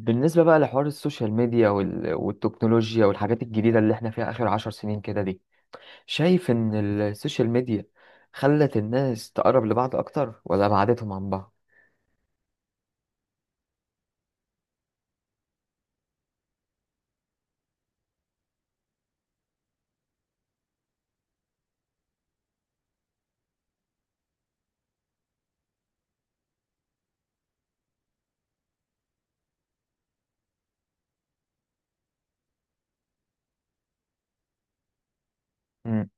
بالنسبة بقى لحوار السوشيال ميديا والتكنولوجيا والحاجات الجديدة اللي احنا فيها آخر 10 سنين كده دي، شايف إن السوشيال ميديا خلت الناس تقرب لبعض أكتر ولا بعدتهم عن بعض؟ مم.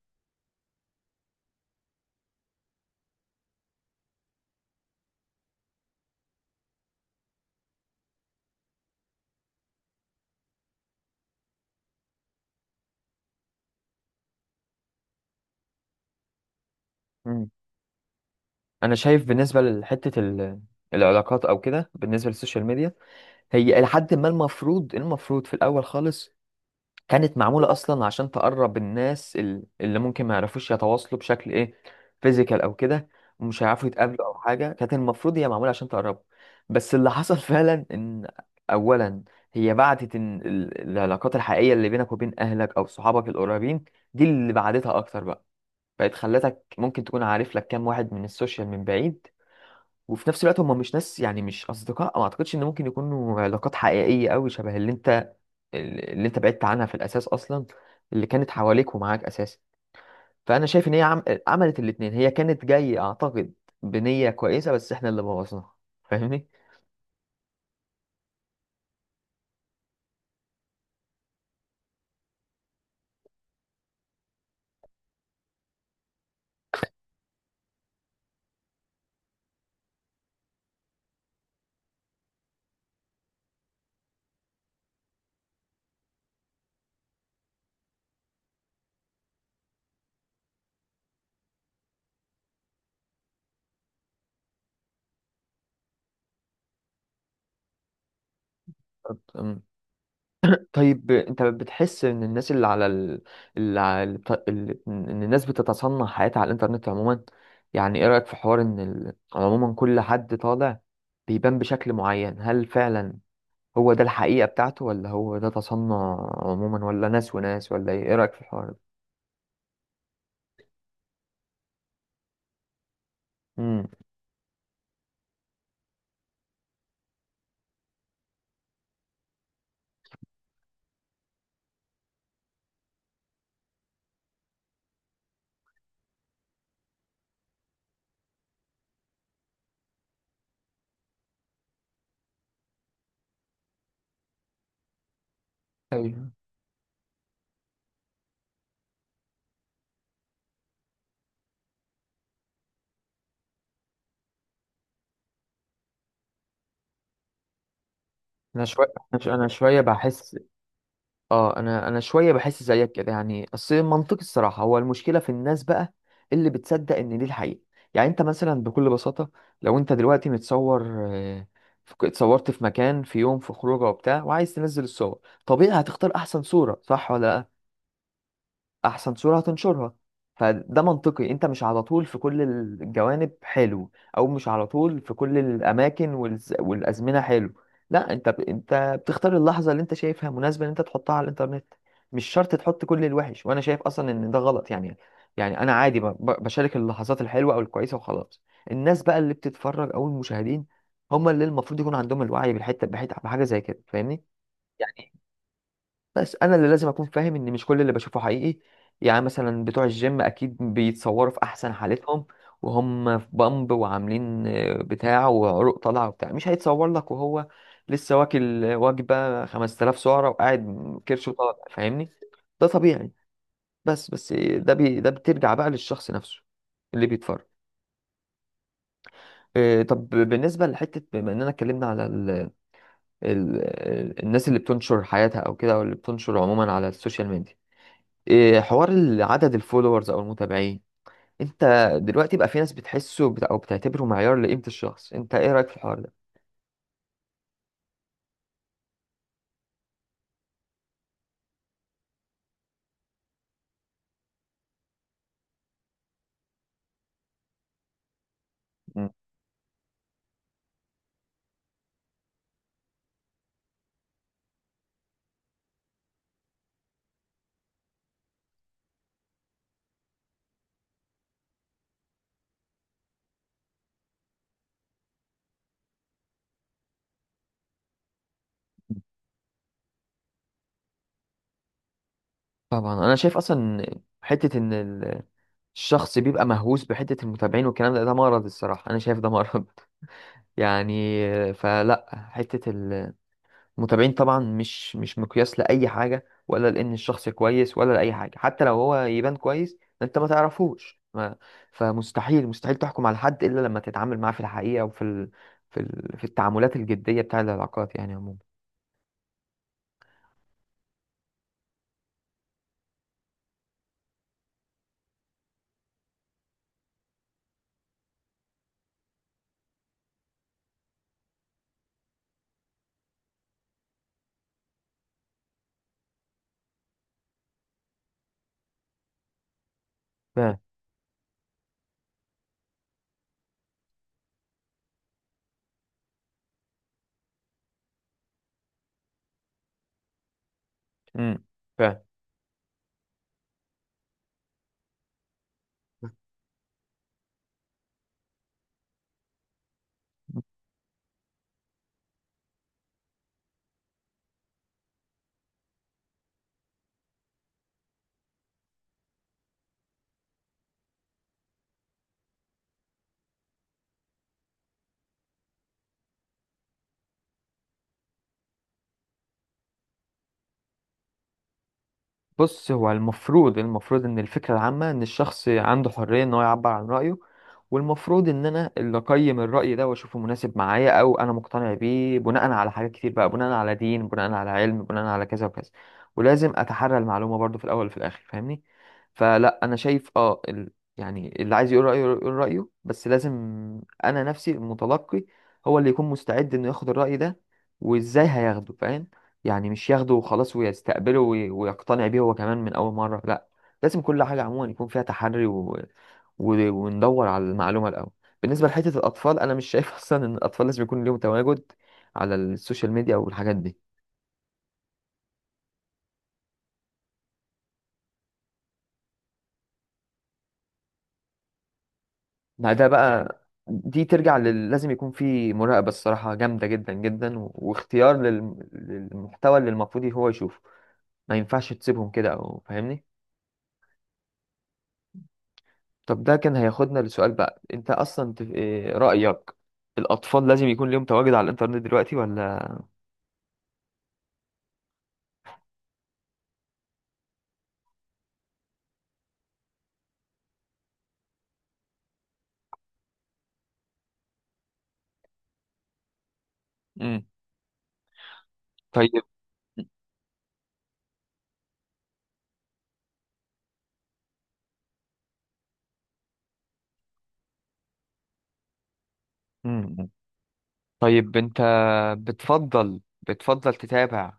مم. أنا شايف بالنسبة لحتة العلاقات أو كده، بالنسبة للسوشيال ميديا هي إلى حد ما المفروض في الأول خالص كانت معمولة أصلا عشان تقرب الناس اللي ممكن ما يعرفوش يتواصلوا بشكل فيزيكال أو كده، ومش هيعرفوا يتقابلوا أو حاجة، كانت المفروض هي معمولة عشان تقربوا. بس اللي حصل فعلا إن أولا هي بعدت، إن العلاقات الحقيقية اللي بينك وبين أهلك أو صحابك القريبين دي اللي بعدتها أكتر بقى، بقت خلتك ممكن تكون عارف لك كام واحد من السوشيال من بعيد، وفي نفس الوقت هم مش ناس، يعني مش اصدقاء، ما اعتقدش ان ممكن يكونوا علاقات حقيقيه قوي شبه اللي انت، اللي انت بعدت عنها في الاساس اصلا، اللي كانت حواليك ومعاك اساسا. فانا شايف ان هي عملت الاتنين، هي كانت جايه اعتقد بنيه كويسه بس احنا اللي بوظناها، فاهمني. أم. طيب انت بتحس ان الناس اللي على ال... اللي على... الط- اللي... ان الناس بتتصنع حياتها على الانترنت عموما؟ يعني ايه رايك في حوار ان عموما كل حد طالع بيبان بشكل معين، هل فعلا هو ده الحقيقة بتاعته ولا هو ده تصنع عموما، ولا ناس وناس، ولا ايه؟ ايه رأيك في الحوار ده؟ امم. ايوه. انا شوية انا ش- أنا شوية بحس. اه، انا شوية بحس زيك كده، يعني اصل منطقي الصراحة، هو المشكلة في الناس بقى اللي بتصدق ان دي الحقيقة. يعني انت مثلا بكل بساطة، لو انت دلوقتي متصور، آه، اتصورت في مكان، في يوم، في خروجه وبتاع، وعايز تنزل الصور، طبيعي هتختار احسن صورة، صح ولا لا؟ احسن صورة هتنشرها. فده منطقي، انت مش على طول في كل الجوانب حلو، او مش على طول في كل الاماكن والازمنة حلو. لا، انت انت بتختار اللحظة اللي انت شايفها مناسبة ان انت تحطها على الانترنت. مش شرط تحط كل الوحش، وانا شايف اصلا ان ده غلط يعني. يعني انا عادي بشارك اللحظات الحلوة او الكويسة وخلاص. الناس بقى اللي بتتفرج او المشاهدين هم اللي المفروض يكون عندهم الوعي بالحتة، بحاجة زي كده، فاهمني. بس انا اللي لازم اكون فاهم ان مش كل اللي بشوفه حقيقي. يعني مثلا بتوع الجيم اكيد بيتصوروا في احسن حالتهم، وهم في بامب وعاملين بتاع، وعروق طالعه وبتاع، مش هيتصور لك وهو لسه واكل وجبه 5000 سعره وقاعد كرشه طالع، فاهمني. ده طبيعي. بس ده بترجع بقى للشخص نفسه اللي بيتفرج. طب بالنسبة لحتة، بما إننا اتكلمنا على ال ال الناس اللي بتنشر حياتها أو كده، أو اللي بتنشر عموما على السوشيال ميديا، حوار عدد الفولورز او المتابعين. انت دلوقتي بقى في ناس بتحسه او بتعتبره معيار لقيمة الشخص، انت ايه رأيك في الحوار ده؟ مم. طبعا انا شايف اصلا حتة ان الشخص بيبقى مهووس بحتة المتابعين والكلام ده، ده مرض الصراحة، انا شايف ده مرض يعني. فلا، حتة متابعين طبعا مش مقياس لأي حاجة، ولا لأن الشخص كويس، ولا لأي حاجة. حتى لو هو يبان كويس أنت ما تعرفوش ما فمستحيل تحكم على حد إلا لما تتعامل معاه في الحقيقة، وفي ال... في ال... في التعاملات الجدية، بتاع العلاقات يعني عموما. فاهم. امم. فاهم. بص، هو المفروض ان الفكره العامه ان الشخص عنده حريه ان هو يعبر عن رايه، والمفروض ان انا اللي اقيم الراي ده واشوفه مناسب معايا او انا مقتنع بيه بناء على حاجات كتير بقى، بناء على دين، بناء على علم، بناء على كذا وكذا. ولازم اتحرى المعلومه برضو في الاول وفي الاخر، فاهمني. فلا، انا شايف اه يعني اللي عايز يقول رايه يقول رايه، بس لازم انا، نفسي المتلقي هو اللي يكون مستعد انه ياخد الراي ده، وازاي هياخده، فاهم؟ يعني مش ياخده وخلاص ويستقبله ويقتنع بيه هو كمان من أول مرة، لا. لازم كل حاجة عموما يكون فيها تحري وندور على المعلومة الأول. بالنسبة لحتة الأطفال أنا مش شايف أصلا إن الأطفال لازم يكون ليهم تواجد على السوشيال ميديا والحاجات دي. ما ده يعني بقى، لازم يكون في مراقبة الصراحة جامدة جدا جدا واختيار للمحتوى اللي المفروض هو يشوفه. ما ينفعش تسيبهم كده أو، فاهمني. طب ده كان هياخدنا لسؤال بقى، انت اصلا إيه رأيك، الاطفال لازم يكون ليهم تواجد على الانترنت دلوقتي ولا؟ امم. طيب. امم. طيب انت بتفضل تتابع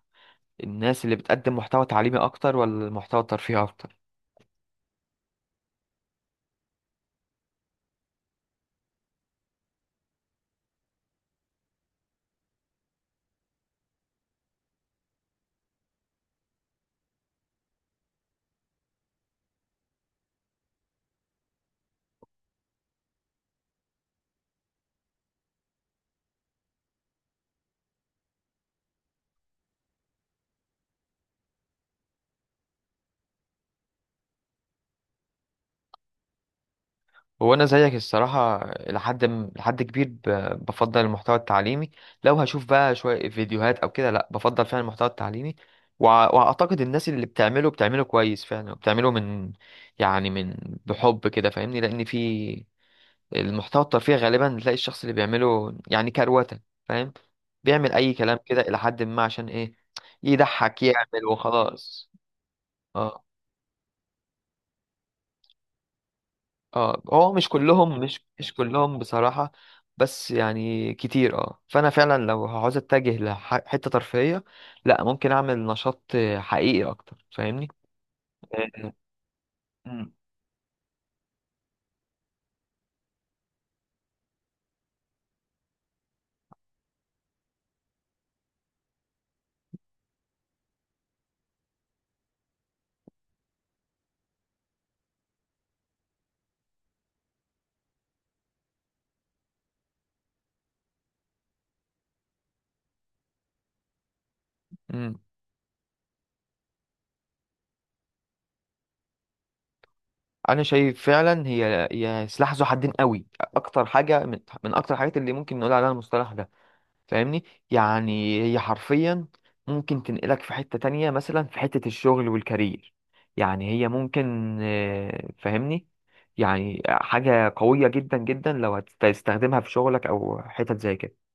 الناس اللي بتقدم محتوى تعليمي اكتر، ولا محتوى ترفيهي اكتر؟ هو انا زيك الصراحه، لحد كبير بفضل المحتوى التعليمي. لو هشوف بقى شويه فيديوهات او كده، لا، بفضل فعلا المحتوى التعليمي. واعتقد الناس اللي بتعمله بتعمله كويس فعلا، وبتعمله من يعني من بحب كده فاهمني، لان في المحتوى الترفيهي غالبا بتلاقي الشخص اللي بيعمله يعني كروته، فاهم، بيعمل اي كلام كده الى حد ما عشان ايه، يضحك، يعمل وخلاص. آه. اه، هو مش كلهم، مش كلهم بصراحة، بس يعني كتير، فانا فعلا لو عاوز اتجه لحتة ترفيهية، لا، ممكن اعمل نشاط حقيقي اكتر، فاهمني. آه. مم. مم. انا شايف فعلا هي، هي سلاح ذو حدين قوي، اكتر حاجة من اكتر الحاجات اللي ممكن نقول عليها المصطلح ده، فاهمني. يعني هي حرفيا ممكن تنقلك في حتة تانية، مثلا في حتة الشغل والكارير، يعني هي ممكن، فاهمني، يعني حاجة قوية جدا جدا لو هتستخدمها في شغلك أو حتت زي كده.